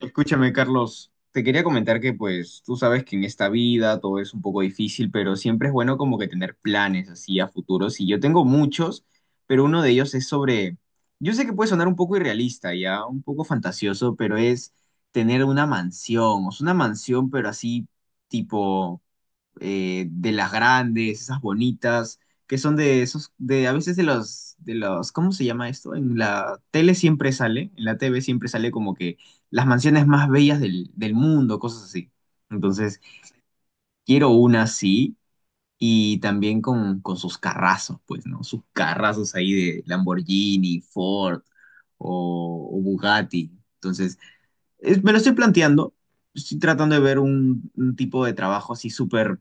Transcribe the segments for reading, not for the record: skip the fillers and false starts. Escúchame, Carlos, te quería comentar que pues tú sabes que en esta vida todo es un poco difícil, pero siempre es bueno como que tener planes así a futuros. Y yo tengo muchos, pero uno de ellos es sobre, yo sé que puede sonar un poco irrealista, ya un poco fantasioso, pero es tener una mansión, o sea, una mansión, pero así tipo de las grandes, esas bonitas, que son de esos, de a veces de los, ¿cómo se llama esto? En la tele siempre sale, en la TV siempre sale como que las mansiones más bellas del mundo, cosas así. Entonces, quiero una así y también con sus carrazos, pues, ¿no? Sus carrazos ahí de Lamborghini, Ford o Bugatti. Entonces, me lo estoy planteando, estoy tratando de ver un tipo de trabajo así súper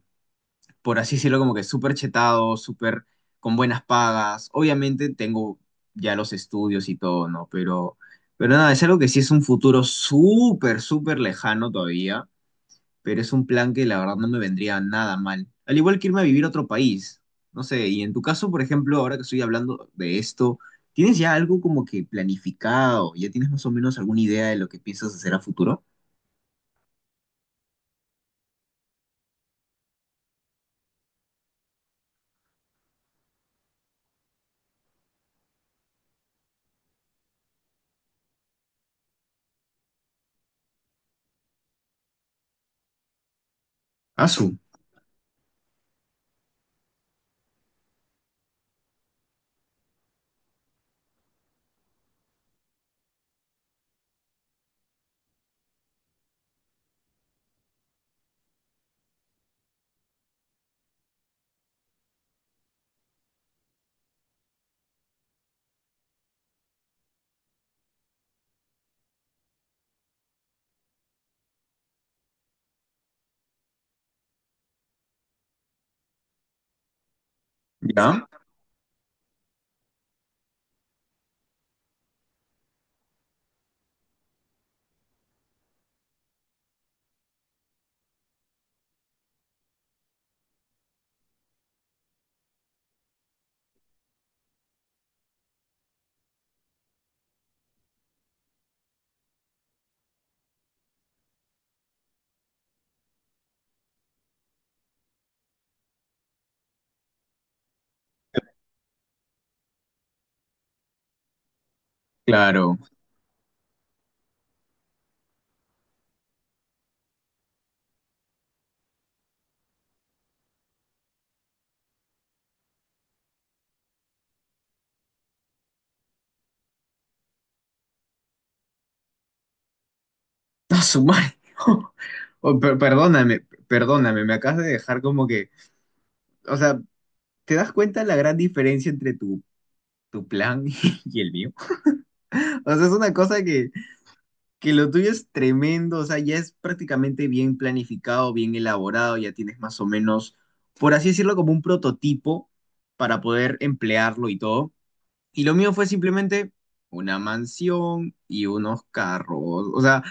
por así decirlo, como que súper chetado, súper con buenas pagas. Obviamente tengo ya los estudios y todo, ¿no? Pero nada, es algo que sí es un futuro súper, súper lejano todavía, pero es un plan que la verdad no me vendría nada mal. Al igual que irme a vivir a otro país, no sé, y en tu caso, por ejemplo, ahora que estoy hablando de esto, ¿tienes ya algo como que planificado? ¿Ya tienes más o menos alguna idea de lo que piensas hacer a futuro? Asu, ¿ya? Claro. No, su madre. Oh, perdóname, perdóname, me acabas de dejar como que, o sea, ¿te das cuenta la gran diferencia entre tu, tu plan y el mío? O sea, es una cosa que lo tuyo es tremendo, o sea, ya es prácticamente bien planificado, bien elaborado, ya tienes más o menos, por así decirlo, como un prototipo para poder emplearlo y todo. Y lo mío fue simplemente una mansión y unos carros, o sea,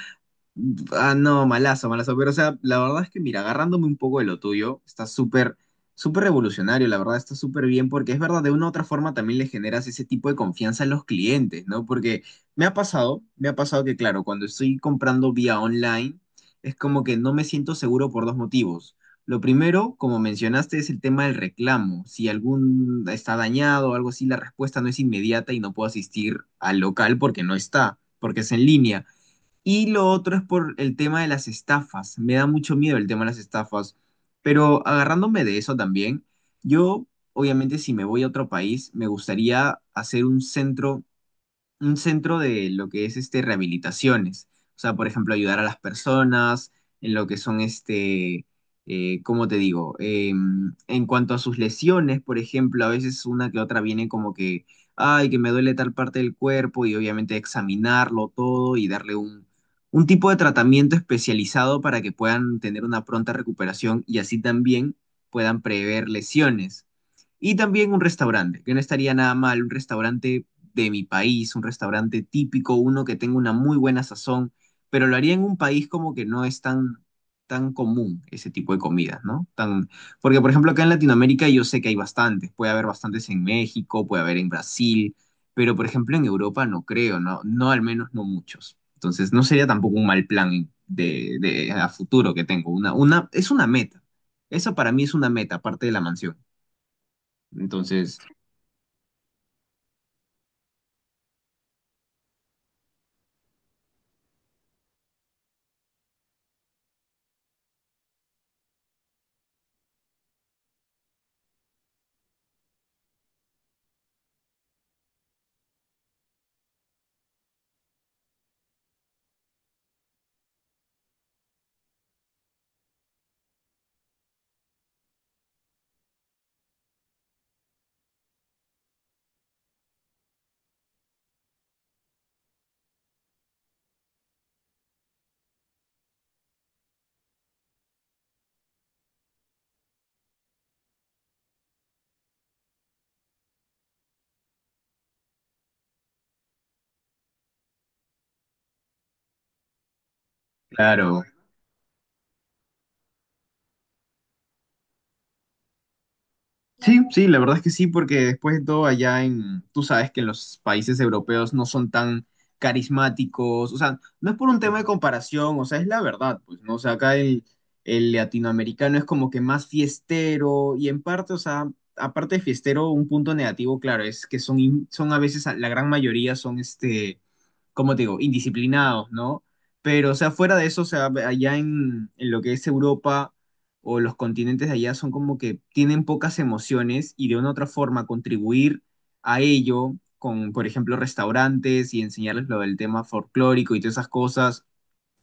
ah, no, malazo, malazo. Pero, o sea, la verdad es que, mira, agarrándome un poco de lo tuyo, está súper, súper revolucionario, la verdad, está súper bien, porque es verdad, de una u otra forma también le generas ese tipo de confianza a los clientes, ¿no? Porque me ha pasado que, claro, cuando estoy comprando vía online, es como que no me siento seguro por dos motivos. Lo primero, como mencionaste, es el tema del reclamo. Si algún está dañado o algo así, la respuesta no es inmediata y no puedo asistir al local porque no está, porque es en línea. Y lo otro es por el tema de las estafas. Me da mucho miedo el tema de las estafas. Pero agarrándome de eso también, yo obviamente si me voy a otro país, me gustaría hacer un centro de lo que es este rehabilitaciones. O sea, por ejemplo, ayudar a las personas en lo que son este, ¿cómo te digo? En cuanto a sus lesiones, por ejemplo, a veces una que otra viene como que, ay, que me duele tal parte del cuerpo y obviamente examinarlo todo y darle un tipo de tratamiento especializado para que puedan tener una pronta recuperación y así también puedan prever lesiones. Y también un restaurante, que no estaría nada mal, un restaurante de mi país, un restaurante típico, uno que tenga una muy buena sazón, pero lo haría en un país como que no es tan, tan común ese tipo de comidas, ¿no? Tan, porque, por ejemplo, acá en Latinoamérica yo sé que hay bastantes, puede haber bastantes en México, puede haber en Brasil, pero, por ejemplo, en Europa no creo, ¿no? No, al menos no muchos. Entonces, no sería tampoco un mal plan de a futuro que tengo. Una, es una meta. Eso para mí es una meta, aparte de la mansión. Entonces, claro. Sí, sí, la verdad es que sí, porque después de todo allá en, tú sabes que en los países europeos no son tan carismáticos, o sea, no es por un tema de comparación, o sea, es la verdad, pues, ¿no? O sea, acá el latinoamericano es como que más fiestero y en parte, o sea, aparte de fiestero, un punto negativo, claro, es que son, son a veces, la gran mayoría son, este, como te digo, indisciplinados, ¿no? Pero, o sea, fuera de eso, o sea, allá en lo que es Europa o los continentes de allá son como que tienen pocas emociones y de una u otra forma contribuir a ello con, por ejemplo, restaurantes y enseñarles lo del tema folclórico y todas esas cosas,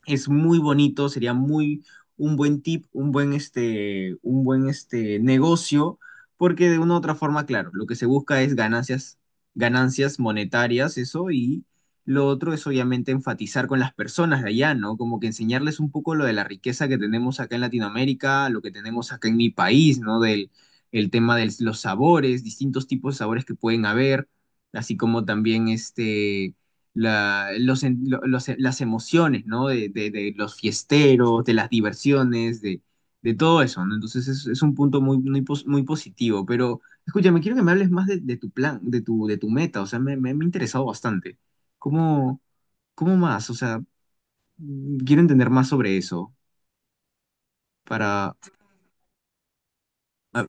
es muy bonito, sería muy un buen tip, un buen este, negocio, porque de una u otra forma, claro, lo que se busca es ganancias, ganancias monetarias, eso, y lo otro es obviamente enfatizar con las personas de allá, ¿no? Como que enseñarles un poco lo de la riqueza que tenemos acá en Latinoamérica, lo que tenemos acá en mi país, ¿no? Del el tema de los sabores, distintos tipos de sabores que pueden haber, así como también este la, los, las emociones, ¿no? De, de los fiesteros, de las diversiones, de todo eso, ¿no? Entonces es un punto muy, muy, muy positivo, pero escúchame, quiero que me hables más de tu plan, de tu meta, o sea, me ha interesado bastante. ¿Cómo, cómo más? O sea, quiero entender más sobre eso, para... a-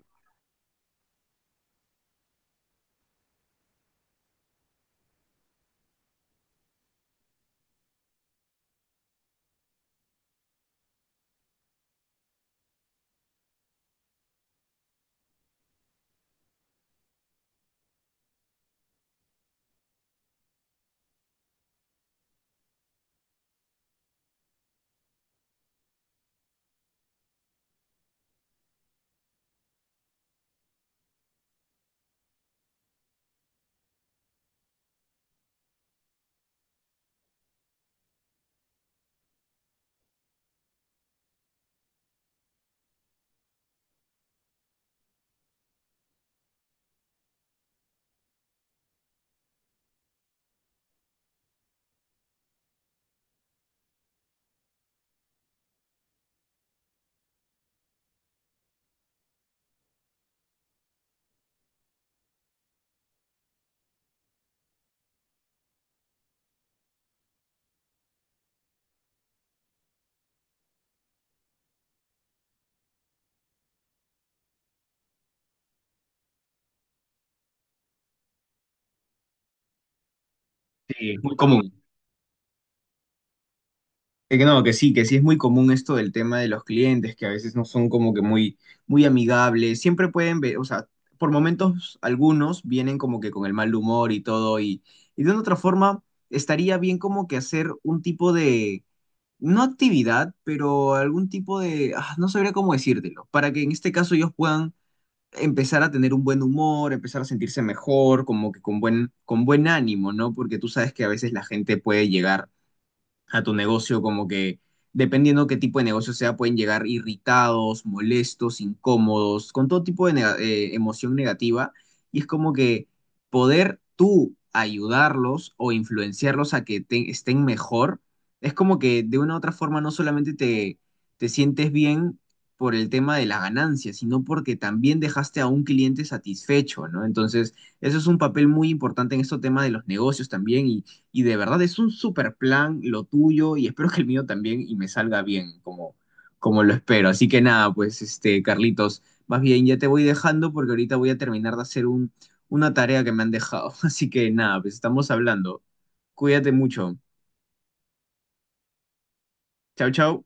Sí, muy común. Que no, que sí es muy común esto del tema de los clientes, que a veces no son como que muy, muy amigables. Siempre pueden ver, o sea, por momentos algunos vienen como que con el mal humor y todo, y de una otra forma estaría bien como que hacer un tipo de, no actividad, pero algún tipo de, ah, no sabría cómo decírtelo, para que en este caso ellos puedan empezar a tener un buen humor, empezar a sentirse mejor, como que con buen ánimo, ¿no? Porque tú sabes que a veces la gente puede llegar a tu negocio, como que dependiendo qué tipo de negocio sea, pueden llegar irritados, molestos, incómodos, con todo tipo de emoción negativa. Y es como que poder tú ayudarlos o influenciarlos a que estén mejor, es como que de una u otra forma no solamente te, te sientes bien por el tema de la ganancia, sino porque también dejaste a un cliente satisfecho, ¿no? Entonces, eso es un papel muy importante en este tema de los negocios también y de verdad es un super plan lo tuyo y espero que el mío también y me salga bien como, como lo espero. Así que nada, pues este, Carlitos, más bien ya te voy dejando porque ahorita voy a terminar de hacer un, una tarea que me han dejado. Así que nada, pues estamos hablando. Cuídate mucho. Chao, chao.